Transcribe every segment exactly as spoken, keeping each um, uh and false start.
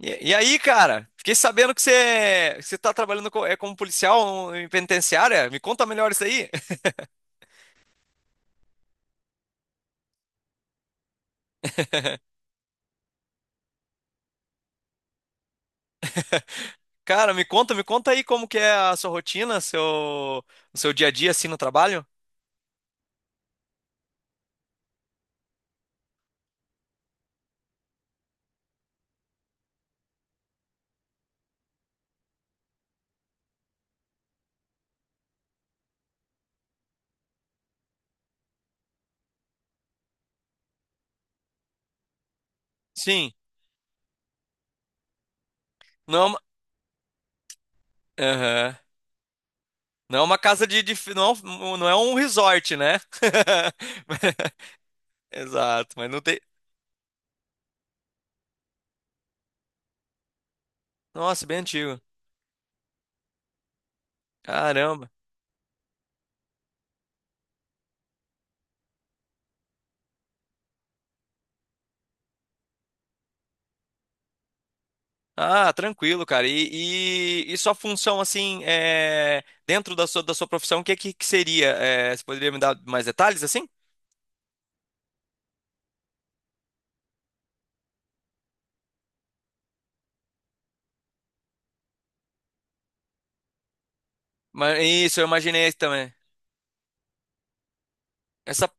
E, e aí, cara, fiquei sabendo que você, que você tá trabalhando co- é, como policial em penitenciária. Me conta melhor isso aí. Cara, me conta, me conta aí como que é a sua rotina, seu, o seu dia a dia assim no trabalho. Sim. não é uma, Aham. Não é uma casa de, de fi- não, é um- um, não é um resort, né? Exato, mas não tem. Nossa, bem antigo. Caramba. Ah, tranquilo, cara. E, e, e sua função, assim, é, dentro da sua, da sua profissão, o que, que, que seria? É, você poderia me dar mais detalhes, assim? Mas, isso, eu imaginei também. Essa,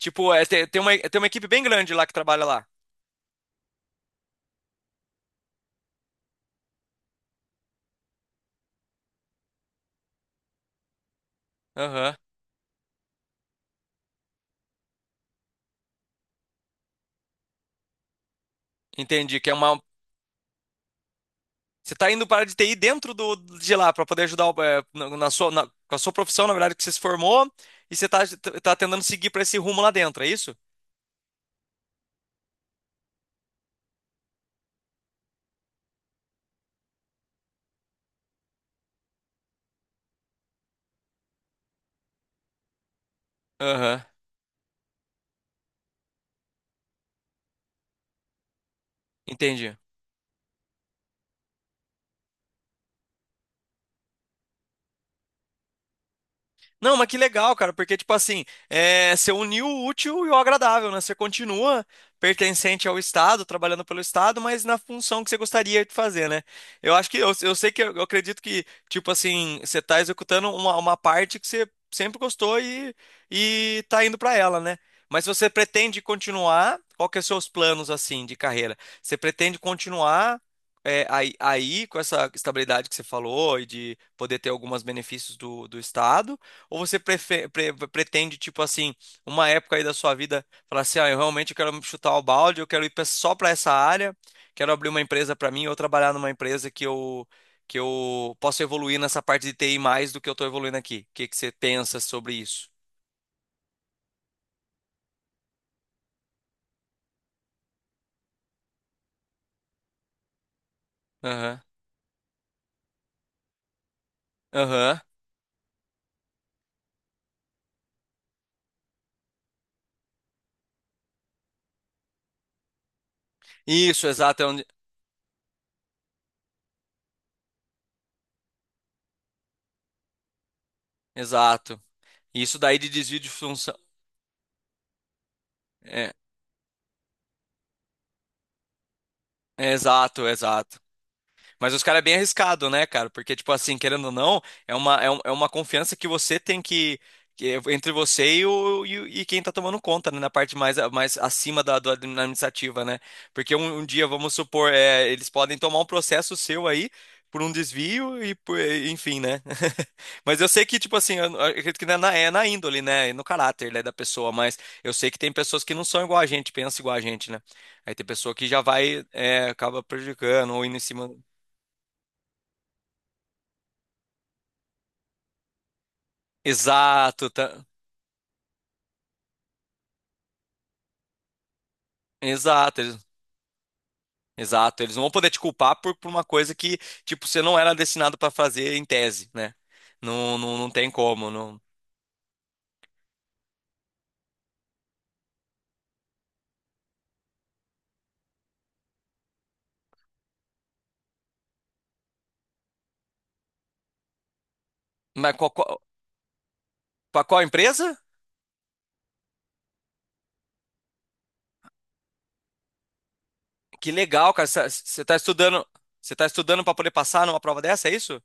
tipo, é, tem, tem uma, tem uma equipe bem grande lá que trabalha lá. Aham, entendi. Que é uma, você tá indo para a área de T I dentro do, de lá, para poder ajudar o- é, na, na sua, na- com a sua profissão, na verdade, que você se formou, e você tá, tá tentando seguir para esse rumo lá dentro, é isso? Aham, entendi. Não, mas que legal, cara, porque, tipo assim, é, você uniu o útil e o agradável, né? Você continua pertencente ao Estado, trabalhando pelo Estado, mas na função que você gostaria de fazer, né? Eu acho que, eu, eu sei que, eu, acredito que, tipo assim, você tá executando uma, uma parte que você sempre gostou e, e tá indo pra ela, né? Mas se você pretende continuar, qual que é os seus planos, assim, de carreira? Você pretende continuar... é, aí, aí, com essa estabilidade que você falou e de poder ter alguns benefícios do, do Estado, ou você prefe- pre- pretende, tipo assim, uma época aí da sua vida, falar assim, ah, eu realmente quero chutar o balde, eu quero ir pra- só para essa área, quero abrir uma empresa para mim ou trabalhar numa empresa que eu que eu possa evoluir nessa parte de T I mais do que eu tô evoluindo aqui. O que que você pensa sobre isso? Aham. Aham. Isso, exato, é onde... exato. Isso daí de desvio de função. É, é exato, exato. Mas os caras é bem arriscado, né, cara? Porque, tipo assim, querendo ou não, é uma, é um- é uma confiança que você tem que. Que é Entre você e, o, e, o- e quem tá tomando conta, né? Na parte mais, a- mais acima da, da administrativa, né? Porque um, um dia, vamos supor, é, eles podem tomar um processo seu aí por um desvio e por, enfim, né? Mas eu sei que, tipo assim, eu, eu acredito que não é na, é na índole, né? e No caráter, né, da pessoa, mas eu sei que tem pessoas que não são igual a gente, pensam igual a gente, né? Aí tem pessoa que já vai, é, acaba prejudicando ou indo em cima. Exato, tá- exato, eles- Exato. Eles não vão poder te culpar por, por uma coisa que, tipo, você não era destinado para fazer em tese, né? Não, não, não tem como, não. Mas qual, qual, pra qual empresa? Que legal, cara. Você tá você tá estudando, você tá estudando para poder passar numa prova dessa, é isso?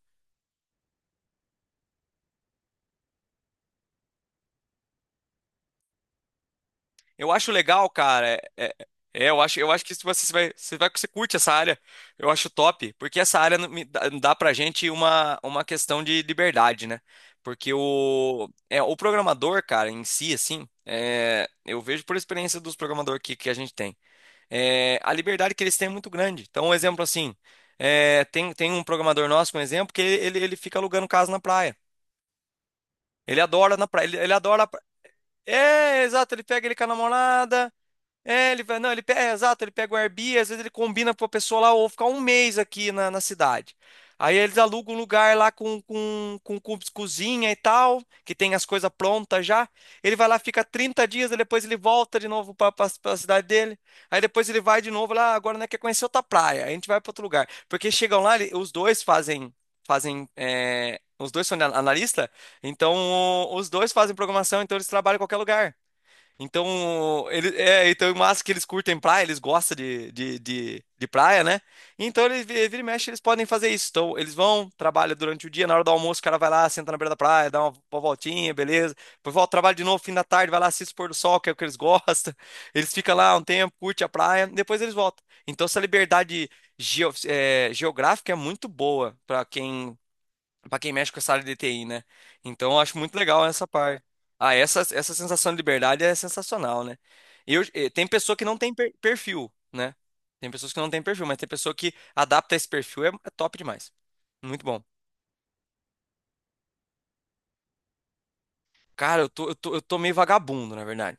Eu acho legal, cara. É, é- é, eu acho, eu acho que se você, você vai, você vai, você curte essa área, eu acho top, porque essa área não me dá, dá pra gente uma, uma questão de liberdade, né? Porque o, é, o programador, cara, em si, assim, é, eu vejo por experiência dos programadores que, que a gente tem, é, a liberdade que eles têm é muito grande. Então, um exemplo assim, é, tem, tem um programador nosso, um exemplo, que ele, ele fica alugando casa na praia. Ele adora na praia, ele, ele adora. a pra- É, exato, ele pega ele com a namorada. É, ele vai, não, ele pega, é, exato, ele pega o Airbnb, às vezes ele combina com a pessoa lá, ou ficar um mês aqui na, na cidade. Aí eles alugam um lugar lá com, com, com, com cozinha e tal, que tem as coisas prontas já. Ele vai lá, fica trinta dias, aí depois ele volta de novo para a cidade dele. Aí depois ele vai de novo lá, agora não quer conhecer outra praia, aí a gente vai para outro lugar. Porque chegam lá, ele- os dois fazem, fazem, é, os dois são analista, então o- os dois fazem programação, então eles trabalham em qualquer lugar. Então, ele, é, então, massa que eles curtem praia, eles gostam de, de, de, de praia, né? Então, eles, vi- vira e mexe, eles podem fazer isso. Então, eles vão, trabalham durante o dia, na hora do almoço, o cara vai lá, senta na beira da praia, dá uma, uma voltinha, beleza. Depois volta, trabalha de novo, fim da tarde, vai lá, assiste o pôr do sol, que é o que eles gostam. Eles ficam lá um tempo, curte a praia, depois eles voltam. Então, essa liberdade geo- é, geográfica é muito boa para quem pra quem mexe com essa área de T I, né? Então, eu acho muito legal essa parte. Ah, essa, essa sensação de liberdade é sensacional, né? E eu, eh, tem pessoa que não tem per- perfil, né? Tem pessoas que não tem perfil, mas tem pessoa que adapta esse perfil, é, é top demais. Muito bom. Cara, eu tô, eu tô, eu tô meio vagabundo, na verdade.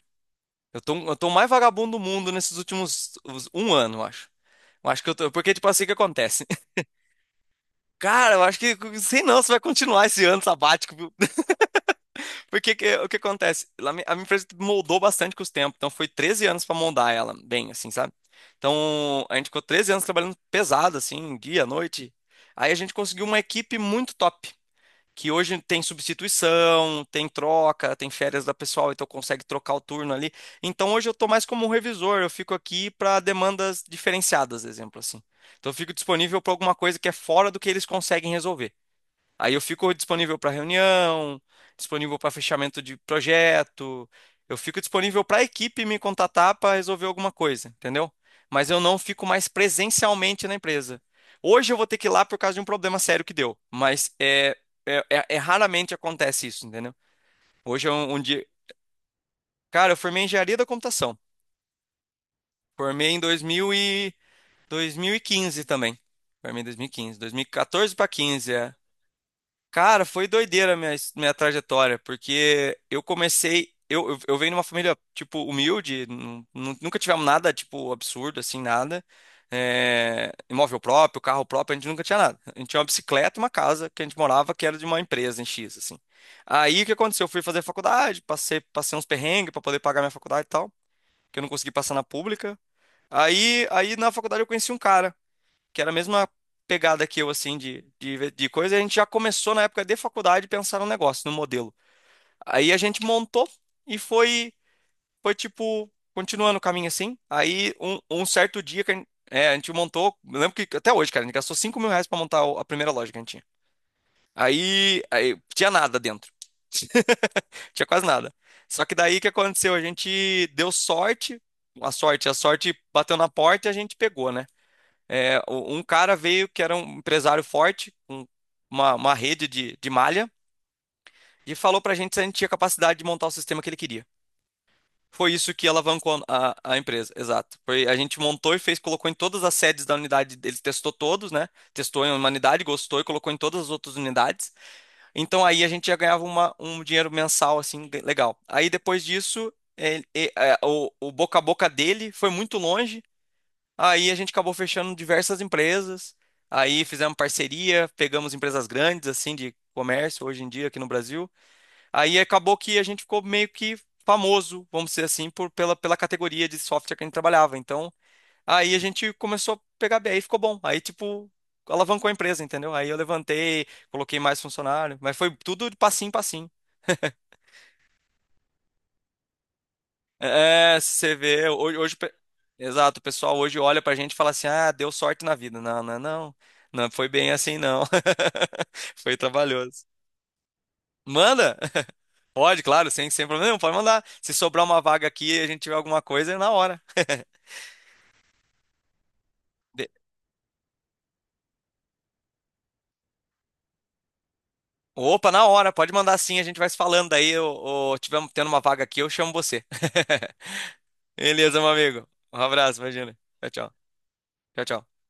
Eu tô, eu tô mais vagabundo do mundo nesses últimos os- um ano, eu acho. Eu acho que eu tô, porque, tipo, assim que acontece. Cara, eu acho que, sei não, se vai continuar esse ano sabático. Porque que- o que acontece? Lá me- A minha empresa moldou bastante com os tempos, então foi treze anos para moldar ela bem, assim, sabe? Então a gente ficou treze anos trabalhando pesado, assim, dia, noite. Aí a gente conseguiu uma equipe muito top, que hoje tem substituição, tem troca, tem férias da pessoal, então consegue trocar o turno ali. Então hoje eu tô mais como um revisor, eu fico aqui para demandas diferenciadas, exemplo assim. Então eu fico disponível para alguma coisa que é fora do que eles conseguem resolver. Aí eu fico disponível para reunião, disponível para fechamento de projeto, eu fico disponível para a equipe me contatar para resolver alguma coisa, entendeu? Mas eu não fico mais presencialmente na empresa. Hoje eu vou ter que ir lá por causa de um problema sério que deu, mas é, é, é- é raramente acontece isso, entendeu? Hoje é um, um dia. Cara, eu formei em engenharia da computação. Formei em dois mil e... dois mil e quinze também. Formei em dois mil e quinze. dois mil e quatorze para quinze. Cara, foi doideira a minha, his- minha trajetória, porque eu comecei. Eu, eu, eu venho de uma família, tipo, humilde, nu- nu- nunca tivemos nada, tipo, absurdo, assim, nada. É, imóvel próprio, carro próprio, a gente nunca tinha nada. A gente tinha uma bicicleta e uma casa que a gente morava, que era de uma empresa em X, assim. Aí o que aconteceu? Eu fui fazer faculdade, passei, passei uns perrengues pra poder pagar minha faculdade e tal, que eu não consegui passar na pública. Aí, aí na faculdade eu conheci um cara que era a mesma pegada que eu, assim, de, de, de coisa, e a gente já começou na época de faculdade a pensar no negócio, no modelo. Aí a gente montou e foi, foi tipo, continuando o caminho assim. Aí um, um certo dia que a gente, é, a gente montou, eu lembro que até hoje, cara, a gente gastou cinco mil reais pra montar o- a primeira loja que a gente tinha. Aí, aí tinha nada dentro, tinha quase nada. Só que daí o que aconteceu? A gente deu sorte, a sorte, a sorte bateu na porta e a gente pegou, né? É, o- um cara veio que era um empresário forte, com uma, uma rede de, de malha, e falou pra gente se a gente tinha capacidade de montar o sistema que ele queria. Foi isso que alavancou a, a empresa, exato. Foi, a gente montou e fez, colocou em todas as sedes da unidade, ele testou todos, né? Testou em uma unidade, gostou e colocou em todas as outras unidades. Então aí a gente já ganhava uma- um dinheiro mensal, assim, le- legal. Aí depois disso, ele- e- é, o, o boca a boca dele foi muito longe. Aí a gente acabou fechando diversas empresas, aí fizemos parceria, pegamos empresas grandes, assim, de comércio hoje em dia aqui no Brasil. Aí acabou que a gente ficou meio que famoso, vamos dizer assim, por, pela, pela categoria de software que a gente trabalhava. Então, aí a gente começou a pegar bem, aí ficou bom. Aí, tipo, alavancou a empresa, entendeu? Aí eu levantei, coloquei mais funcionário, mas foi tudo de passinho em passinho. É, você vê, hoje, hoje, o pe- exato, o pessoal hoje olha pra gente e fala assim: ah, deu sorte na vida. Não, não, é não. Não foi bem assim, não. Foi trabalhoso. Manda? Pode, claro, sem, sem problema nenhum, pode mandar. Se sobrar uma vaga aqui e a gente tiver alguma coisa, é na hora. De- Opa, na hora, pode mandar sim, a gente vai se falando. Daí, eu, eu tiver tendo uma vaga aqui, eu chamo você. Beleza, meu amigo. Um abraço, imagina. Tchau, tchau. Tchau, tchau.